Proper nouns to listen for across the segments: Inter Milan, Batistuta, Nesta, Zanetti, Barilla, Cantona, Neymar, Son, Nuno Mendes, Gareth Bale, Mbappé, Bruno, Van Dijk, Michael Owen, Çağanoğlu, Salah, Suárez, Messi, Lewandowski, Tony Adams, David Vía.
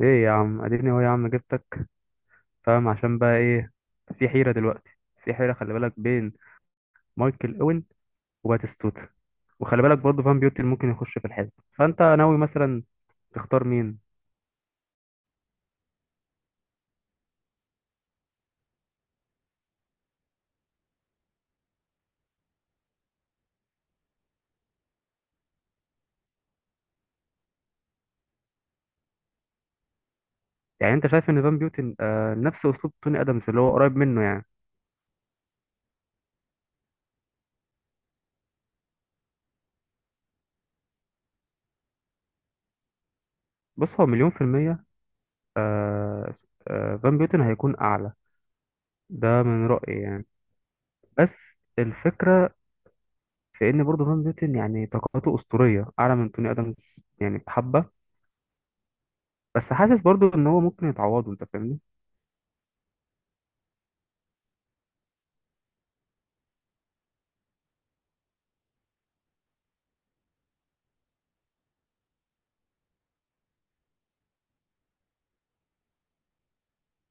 ايه يا عم اديني اهو يا عم جبتك. فاهم عشان بقى ايه؟ في حيرة دلوقتي، في حيرة خلي بالك بين مايكل اوين وباتيستوتا. وخلي بالك برضه فان بيوتن ممكن يخش في الحزب. فانت ناوي مثلا تختار مين؟ يعني انت شايف ان فان بيوتن آه نفس اسلوب توني ادمز اللي هو قريب منه يعني. بص هو مليون في المية، آه، آه فان بيوتن هيكون اعلى. ده من رأيي يعني. بس الفكرة في ان برضه فان بيوتن يعني طاقته اسطورية اعلى من توني ادمز يعني بحبة. بس حاسس برضه ان هو ممكن يتعوضه، انت فاهمني؟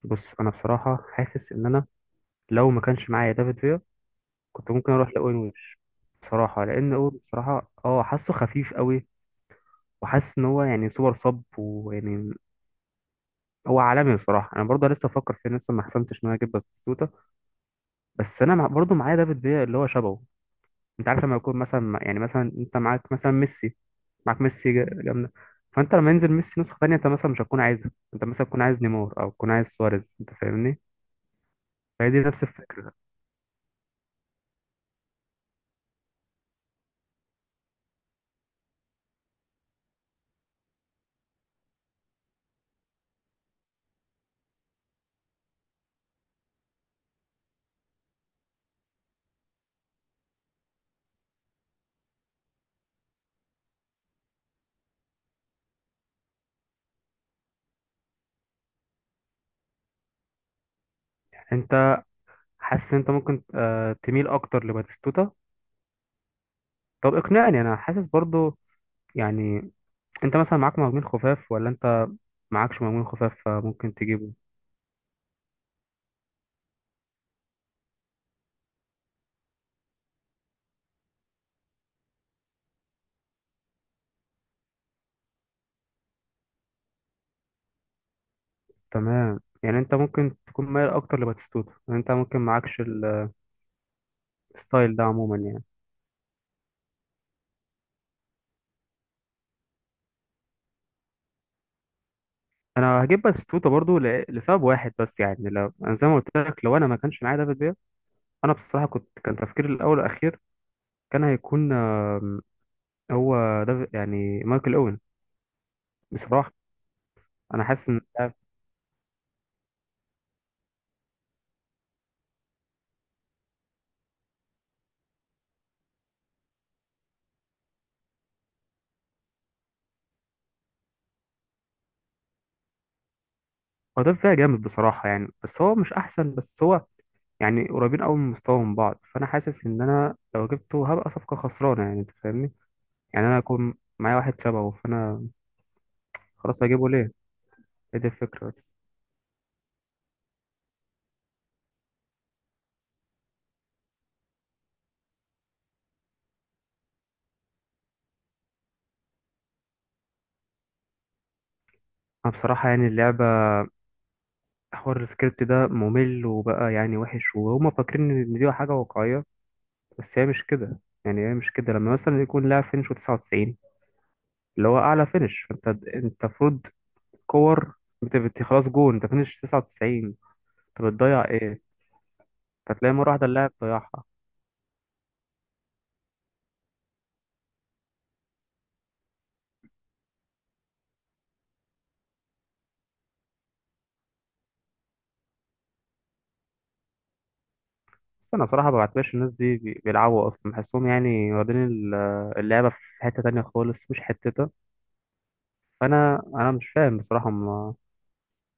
بص انا بصراحه حاسس ان انا لو ما كانش معايا دافيد فيا كنت ممكن اروح لاوين ويبش بصراحه، لان اوين بصراحه اه حاسه خفيف قوي. وحاسس ان هو يعني سوبر صب ويعني هو عالمي بصراحه. انا برضه لسه بفكر فيه، لسه ما حسمتش ان انا اجيب باتيستوتا. بس انا برضه معايا دافيد فيا اللي هو شبهه. انت عارف لما يكون مثلا يعني مثلا انت معاك مثلا ميسي، معاك ميسي جامده. فانت لما ينزل ميسي نسخه ثانيه انت مثلا مش هتكون عايزها، انت مثلا تكون عايز نيمار او تكون عايز سواريز، انت فاهمني؟ فهي دي نفس الفكره. انت حاسس انت ممكن تميل اكتر لباتيستوتا. طب اقنعني، انا حاسس برضو يعني انت مثلا معاك مهاجمين خفاف ولا انت معاكش مهاجمين خفاف فممكن تجيبه. تمام يعني انت ممكن تكون مايل اكتر لباتيستوتا، يعني انت ممكن معاكش الستايل ده عموما يعني. انا هجيب باتيستوتا برضو لسبب واحد بس، يعني لو انا زي ما قلت لك لو انا ما كانش معايا دافيد بيا، انا بصراحة كنت كان تفكيري الاول والاخير كان هيكون هو ده يعني مايكل اوين بصراحة. انا حاسس ان هو ده فيها جامد بصراحة يعني، بس هو مش أحسن، بس هو يعني قريبين أوي من مستواهم بعض. فأنا حاسس إن أنا لو جبته هبقى صفقة خسرانة يعني، أنت فاهمني؟ يعني أنا أكون معايا واحد شبهه فأنا خلاص هجيبه ليه؟ هي دي الفكرة بس. أنا بصراحة يعني اللعبة، حوار السكريبت ده ممل وبقى يعني وحش، وهما فاكرين إن دي حاجة واقعية بس هي مش كده. يعني هي مش كده لما مثلا يكون لاعب فينش 99 اللي هو أعلى فينش فأنت أنت المفروض كور، خلاص جون أنت فينش 99، أنت بتضيع إيه؟ فتلاقي مرة واحدة اللاعب ضيعها. بس أنا بصراحة ما بعتبرش الناس دي بيلعبوا أصلا، بحسهم يعني واخدين اللعبة في حتة تانية خالص مش حتتها. فأنا أنا مش فاهم بصراحة ما،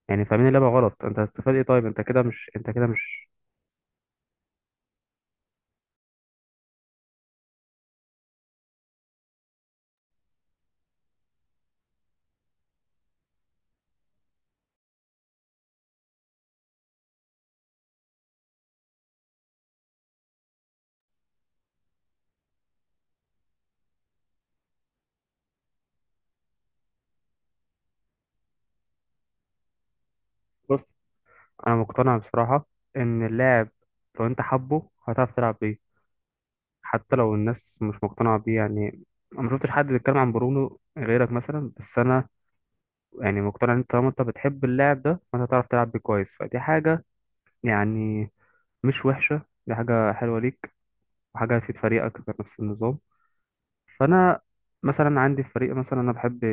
يعني فاهمين اللعبة غلط. أنت هتستفاد إيه؟ طيب أنت كده مش، أنت كده مش. بص أنا مقتنع بصراحة إن اللاعب لو أنت حبه هتعرف تلعب بيه حتى لو الناس مش مقتنعة بيه يعني. أنا ما شفتش حد بيتكلم عن برونو غيرك مثلا، بس أنا يعني مقتنع إن أنت طالما أنت بتحب اللاعب ده فأنت هتعرف تلعب بيه كويس، فدي حاجة يعني مش وحشة، دي حاجة حلوة ليك وحاجة هتفيد فريقك في نفس النظام. فأنا مثلا عندي في فريق مثلا أنا بحب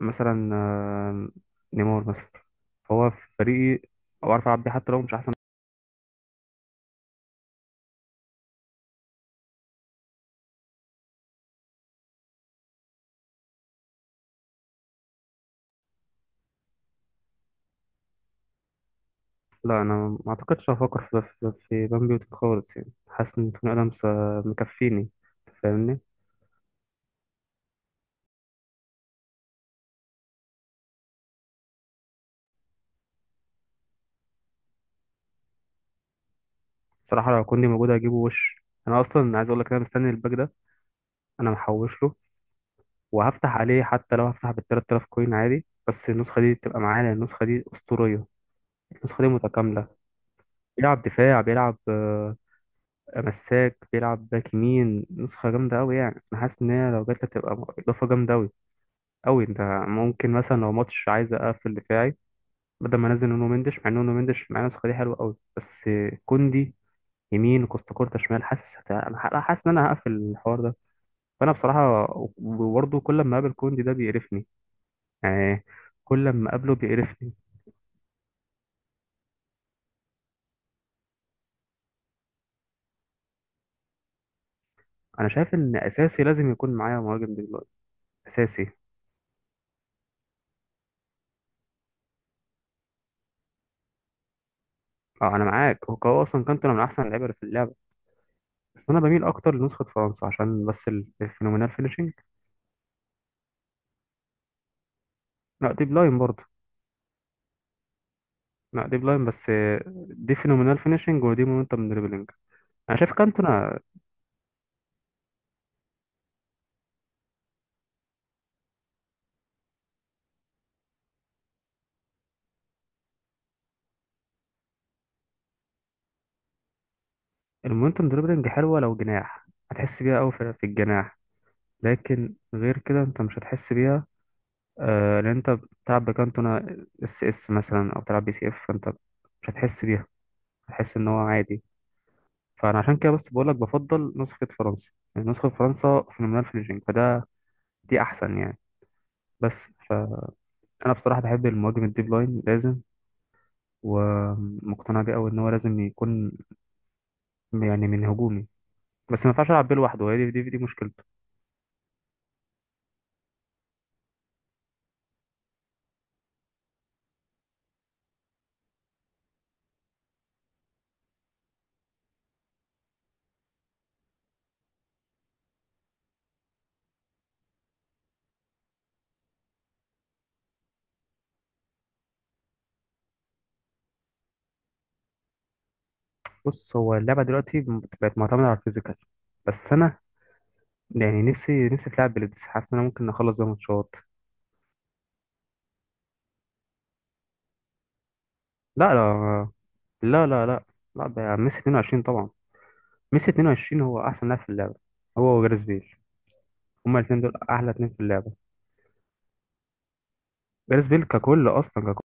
مثلا نيمار مثلا، فهو في فريقي أو أعرف ألعب بيه حتى لو مش أحسن. لا أنا ما أعتقدش هفكر في بان بيوتي خالص، يعني حاسس إن توني آدمز مكفيني، فاهمني؟ صراحة لو كوندي موجود هجيبه، وش أنا أصلا عايز أقول لك، أنا مستني الباك ده، أنا محوش له وهفتح عليه حتى لو هفتح بال 3000 كوين عادي، بس النسخة دي تبقى معايا لأن النسخة دي أسطورية. النسخة دي متكاملة، بيلعب دفاع، بيلعب مساك، بيلعب باك يمين، نسخة جامدة أوي يعني. أنا حاسس إن هي لو جت هتبقى إضافة جامدة أوي أوي. أنت ممكن مثلا لو ماتش عايز أقفل دفاعي بدل ما أنزل نونو مندش، مع إن نونو مندش مع النسخة دي حلوة أوي، بس كوندي يمين وكوستا كورتا شمال حاسس حاسس إن أنا هقفل الحوار ده. فأنا بصراحة برضه كل ما أقابل كوندي ده بيقرفني يعني، كل ما أقابله بيقرفني. أنا شايف إن أساسي لازم يكون معايا مهاجم دلوقتي، أساسي. اه انا معاك، هو اصلا كانتونا من احسن اللعيبه اللي في اللعبه. بس انا بميل اكتر لنسخه فرنسا عشان بس الفينومينال فينيشنج. لا دي بلاين برضه. لا دي بلاين بس دي فينومينال فينيشنج ودي مومنتم دريبلينج. انا شايف كانتونا. المومنتم دريبلينج حلوه لو جناح، هتحس بيها قوي في الجناح. لكن غير كده انت مش هتحس بيها. آه لان انت بتلعب بكانتونا اس اس مثلا او بتلعب بي سي اف فانت مش هتحس بيها، هتحس ان هو عادي. فانا عشان كده بس بقول لك بفضل نسخه فرنسا. يعني نسخه فرنسا فينومينال فينيشنج فده دي احسن يعني. بس فانا بصراحه بحب المهاجم الديب لاين لازم، ومقتنع بيه قوي ان هو لازم يكون يعني من هجومي، بس ما ينفعش العب بيه لوحده، هي دي مشكلته. بص هو اللعبه دلوقتي بقت معتمده على الفيزيكال، بس انا يعني نفسي نفسي في لعب بليدز، حاسس ان انا ممكن اخلص بيها ماتشات. لا لا لا، لا لا لا، ده ميسي 22 طبعا. ميسي 22 هو احسن لاعب في اللعبه، هو وجاريث بيل. هما الاثنين دول احلى اتنين في اللعبه. جاريث بيل ككل اصلا ككل.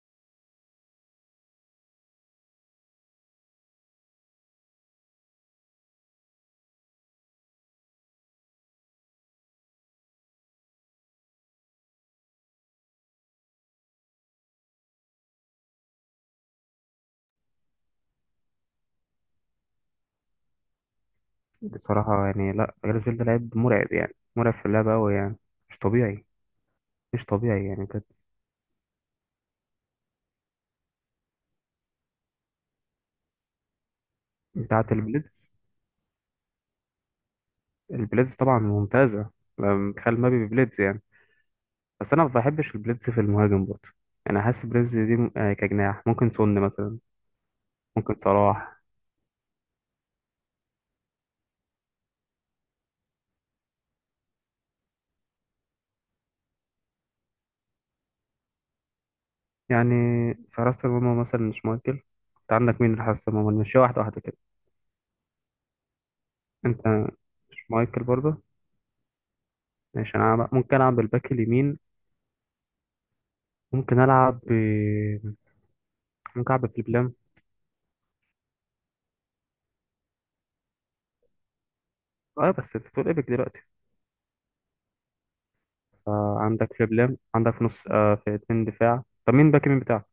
بصراحه يعني لا، جاريث بيل ده لعيب مرعب يعني، مرعب في اللعبه قوي يعني. مش طبيعي، مش طبيعي يعني كانت. بتاعه البليدز؟ البليدز طبعا ممتازه، لما بتخيل مبابي بليدز يعني. بس انا ما بحبش البليدز في المهاجم برضه. انا حاسس بليدز دي كجناح ممكن سون مثلا، ممكن صلاح. يعني في حراسه المرمى مثلا مش مايكل، انت عندك مين في حراسه المرمى؟ مش واحده واحده كده؟ انت مش مايكل برضه. ماشي، انا ممكن اعمل باك اليمين، ممكن العب ب، ممكن العب بفليبلام. اه بس انت بتقول ايبك دلوقتي. فعندك فليبلام، عندك في نص آه في اتنين دفاع. طب مين باك يمين بتاعك؟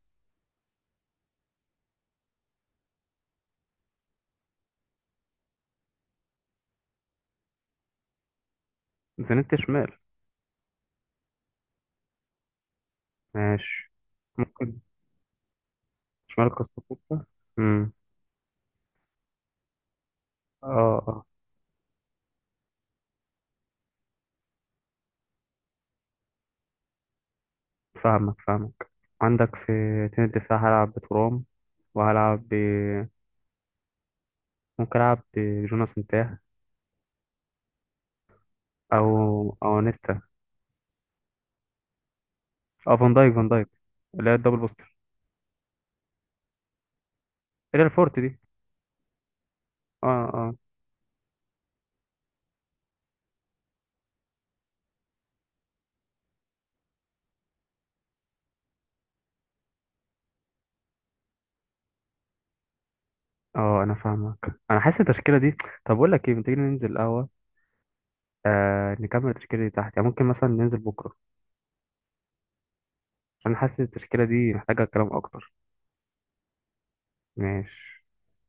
زانيت شمال. ماشي ممكن. شمال كاستافوتا، امم. اه. اه فاهمك فاهمك. عندك في اتنين دفاع هلعب بترام وهلعب ب، ممكن العب بجوناس نتاه، او او نيستا. اه فان دايك فان دايك اللي هي الدبل بوستر، اللي هي الفورت دي. اه آه. اه انا فاهمك، انا حاسس التشكيله دي، طب اقول لك ايه؟ ما تيجي ننزل القهوه آه نكمل التشكيله دي تحت، يعني ممكن مثلا ننزل بكره، عشان حاسس التشكيله دي محتاجه كلام اكتر. ماشي.